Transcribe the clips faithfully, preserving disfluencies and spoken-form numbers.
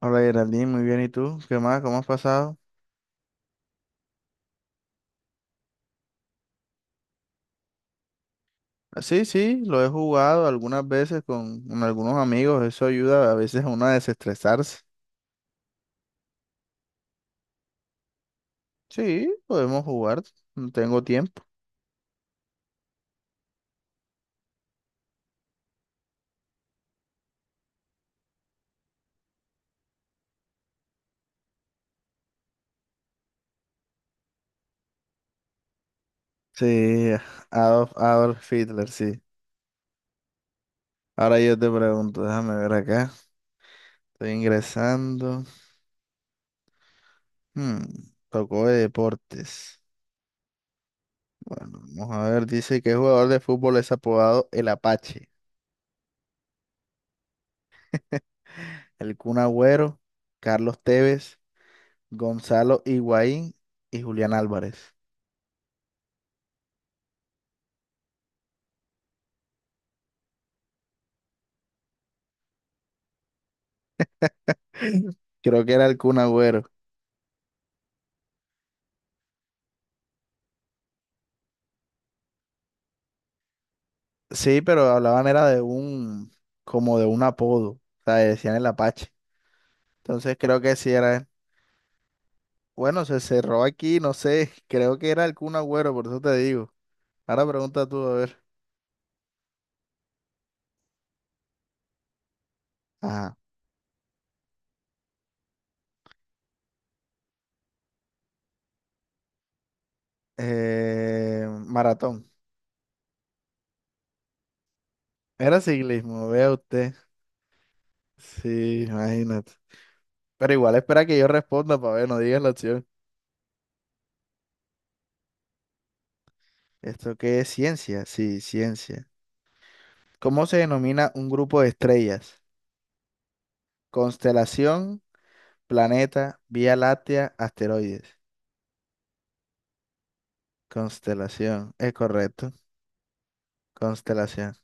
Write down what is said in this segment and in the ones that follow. Hola Geraldine, muy bien. ¿Y tú? ¿Qué más? ¿Cómo has pasado? Sí, sí, lo he jugado algunas veces con, con algunos amigos. Eso ayuda a veces a uno a desestresarse. Sí, podemos jugar. No tengo tiempo. Sí, Adolf, Adolf Hitler, sí. Ahora yo te pregunto, déjame ver acá. Estoy ingresando. Hmm, Tocó de deportes. Bueno, vamos a ver. Dice que jugador de fútbol es apodado el Apache. El Kun Agüero, Carlos Tevez, Gonzalo Higuaín y Julián Álvarez. Creo que era el Kun Agüero. Sí, pero hablaban era de un, como de un apodo, o sea, decían el Apache. Entonces creo que sí era él. Bueno, se cerró aquí, no sé, creo que era el Kun Agüero, por eso te digo. Ahora pregunta tú, a ver. Ajá. Eh, maratón. Era ciclismo, vea usted. Sí, imagínate. Pero igual espera que yo responda para ver, no digas la opción. ¿Esto qué es? ¿Ciencia? Sí, ciencia. ¿Cómo se denomina un grupo de estrellas? Constelación, planeta, Vía Láctea, asteroides. Constelación, es correcto. Constelación.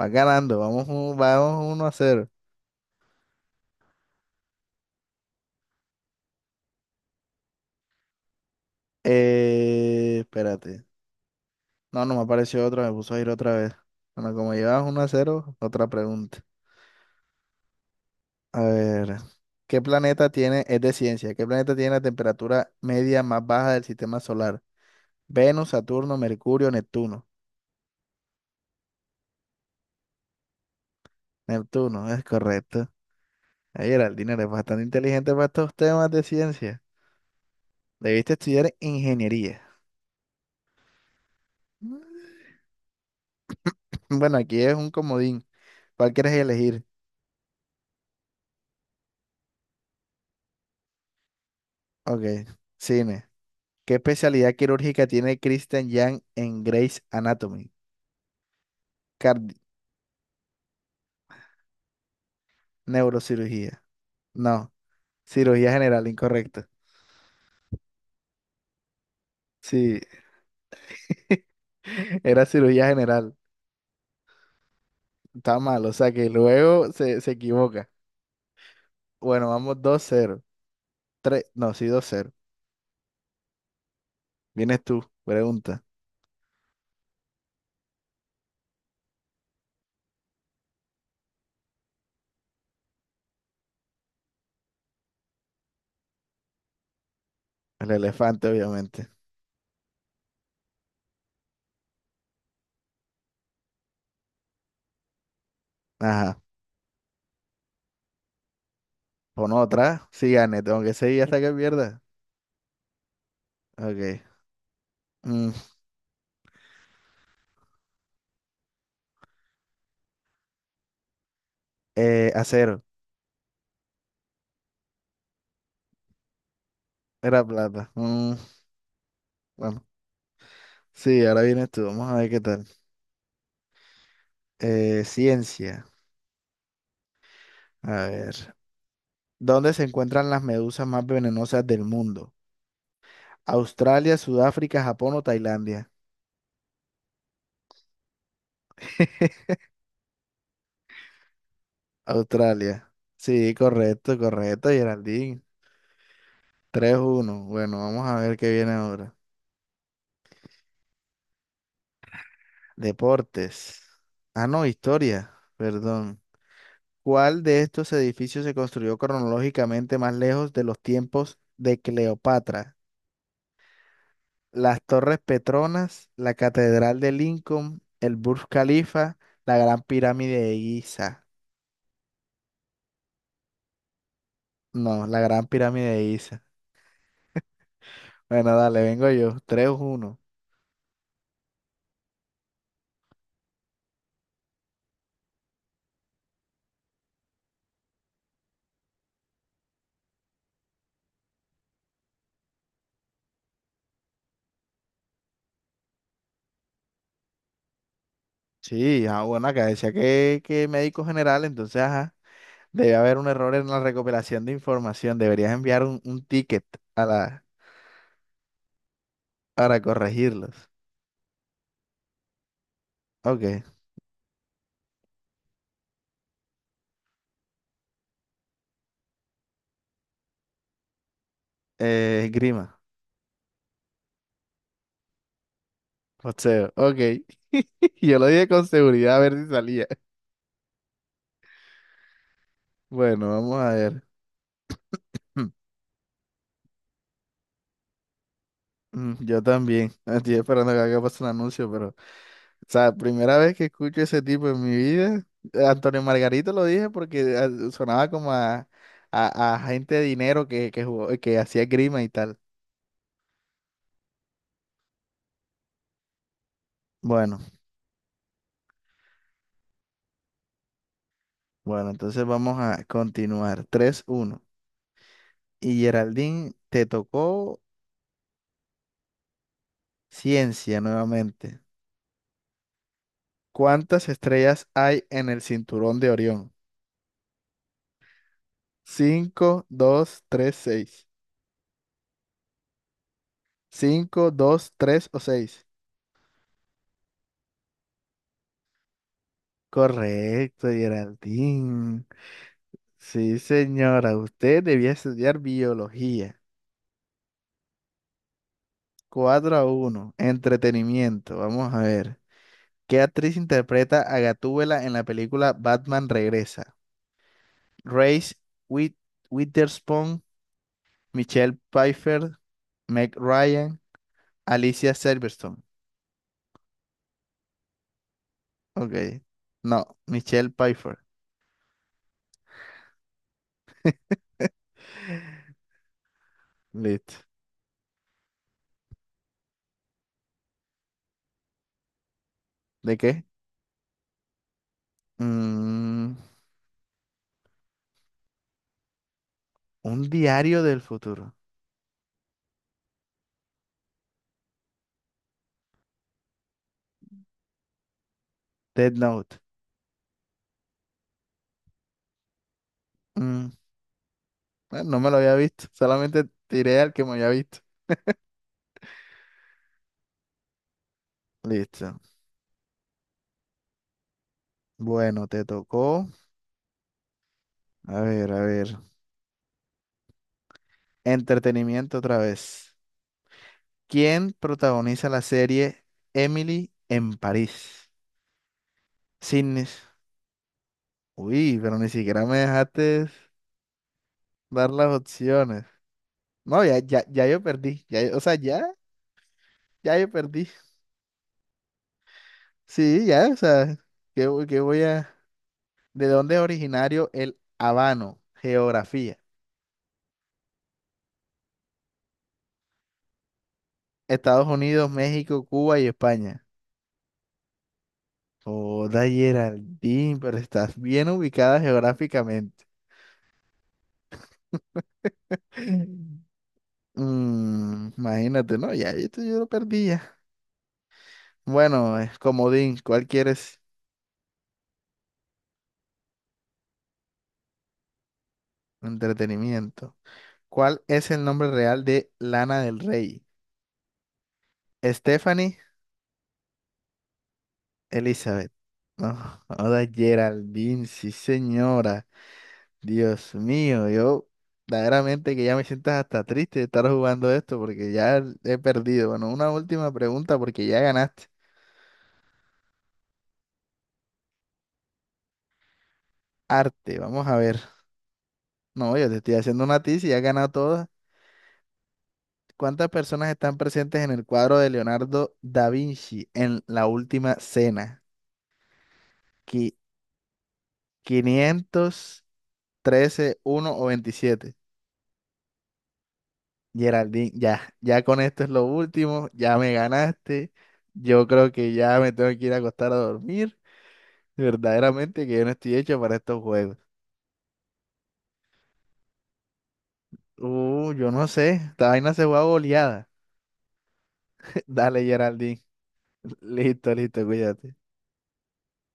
Va ganando, vamos, un- vamos uno a cero. Eh, espérate. No, no me apareció otra, me puso a ir otra vez. Bueno, como llevas uno a cero, otra pregunta. A ver, ¿qué planeta tiene, es de ciencia, ¿qué planeta tiene la temperatura media más baja del sistema solar? Venus, Saturno, Mercurio, Neptuno. Neptuno, es correcto. Ay, Geraldina, eres bastante inteligente para estos temas de ciencia. Debiste estudiar ingeniería. Mm, Bueno, aquí es un comodín. ¿Cuál quieres elegir? Ok, cine. ¿Qué especialidad quirúrgica tiene Kristen Yang en Grey's Anatomy? Cardi- Neurocirugía. No, cirugía general, incorrecto. Sí, era cirugía general. Está mal, o sea que luego se, se equivoca. Bueno, vamos dos cero. Tres- no, sí, dos cero. Vienes tú, pregunta. El elefante, obviamente. Ajá. Pon otra. Sí, gane, tengo que seguir hasta que pierda. Ok. Mm, eh, acero. Era plata. Mm, bueno. Sí, ahora vienes tú. Vamos a ver qué tal. Eh, ciencia. A ver. ¿Dónde se encuentran las medusas más venenosas del mundo? Australia, Sudáfrica, Japón o Tailandia. Australia. Sí, correcto, correcto, Geraldine. Tres uno. Bueno, vamos a ver qué viene ahora. Deportes. Ah, no, historia. Perdón. ¿Cuál de estos edificios se construyó cronológicamente más lejos de los tiempos de Cleopatra? Las Torres Petronas, la Catedral de Lincoln, el Burj Khalifa, la Gran Pirámide de Giza. No, la Gran Pirámide de Giza. Bueno, dale, vengo yo. tres uno. Sí, ah, bueno, acá decía que, que médico general, entonces, ajá, debe haber un error en la recopilación de información. Deberías enviar un, un ticket a la, para corregirlos. Ok, eh, esgrima. José, ok. Yo lo dije con seguridad a ver si salía. Bueno, vamos a ver. Hmm, mm, Yo también. Estoy esperando que acá pase un anuncio, pero, o sea, primera vez que escucho ese tipo en mi vida. Antonio Margarito lo dije porque ah, sonaba como a, a, a gente de dinero que, que jugó- que hacía grima y tal. Bueno, bueno, entonces vamos a continuar. Tres uno. Y Geraldine, te tocó ciencia nuevamente. ¿Cuántas estrellas hay en el cinturón de Orión? Cinco, dos, tres, seis. Cinco, dos, tres o seis. Correcto, Geraldine. Sí, señora, usted debía estudiar biología. Cuatro a uno. Entretenimiento, vamos a ver. ¿Qué actriz interpreta a Gatúbela en la película Batman Regresa? Reese With Witherspoon, Michelle Pfeiffer, Meg Ryan, Alicia Silverstone. Ok. No, Michelle Pfeiffer. Listo. ¿De qué? Mm, un diario del futuro. Dead Note. Mm, bueno, no me lo había visto. Solamente tiré al que me había visto. Listo. Bueno, te tocó. A ver, a ver. Entretenimiento otra vez. ¿Quién protagoniza la serie Emily en París? Sidney. Uy, pero ni siquiera me dejaste dar las opciones. No, ya, ya, ya yo perdí. Ya, yo- o sea, ya, ya yo perdí. Sí, ya, o sea, ¿qué, voy- qué voy a...? ¿De dónde es originario el habano? Geografía. Estados Unidos, México, Cuba y España. Joda, Geraldine, pero estás bien ubicada geográficamente. Mm, imagínate, ¿no? Ya, esto yo lo perdí ya. Bueno, es comodín. ¿Cuál quieres? Entretenimiento. ¿Cuál es el nombre real de Lana del Rey? Stephanie Elizabeth. No, joda, Geraldine, sí, señora. Dios mío, yo verdaderamente que ya me sientas hasta triste de estar jugando esto porque ya he perdido. Bueno, una última pregunta porque ya ganaste. Arte, vamos a ver. No, yo te estoy haciendo una tiza y ya has ganado todas. ¿Cuántas personas están presentes en el cuadro de Leonardo da Vinci en La Última Cena? Qui- quinientos, trece, uno o veintisiete. Geraldine, ya, ya con esto es lo último, ya me ganaste. Yo creo que ya me tengo que ir a acostar a dormir. Verdaderamente que yo no estoy hecho para estos juegos. Uh, yo no sé. Esta vaina se juega a goleada. Dale, Geraldine. Listo, listo, cuídate.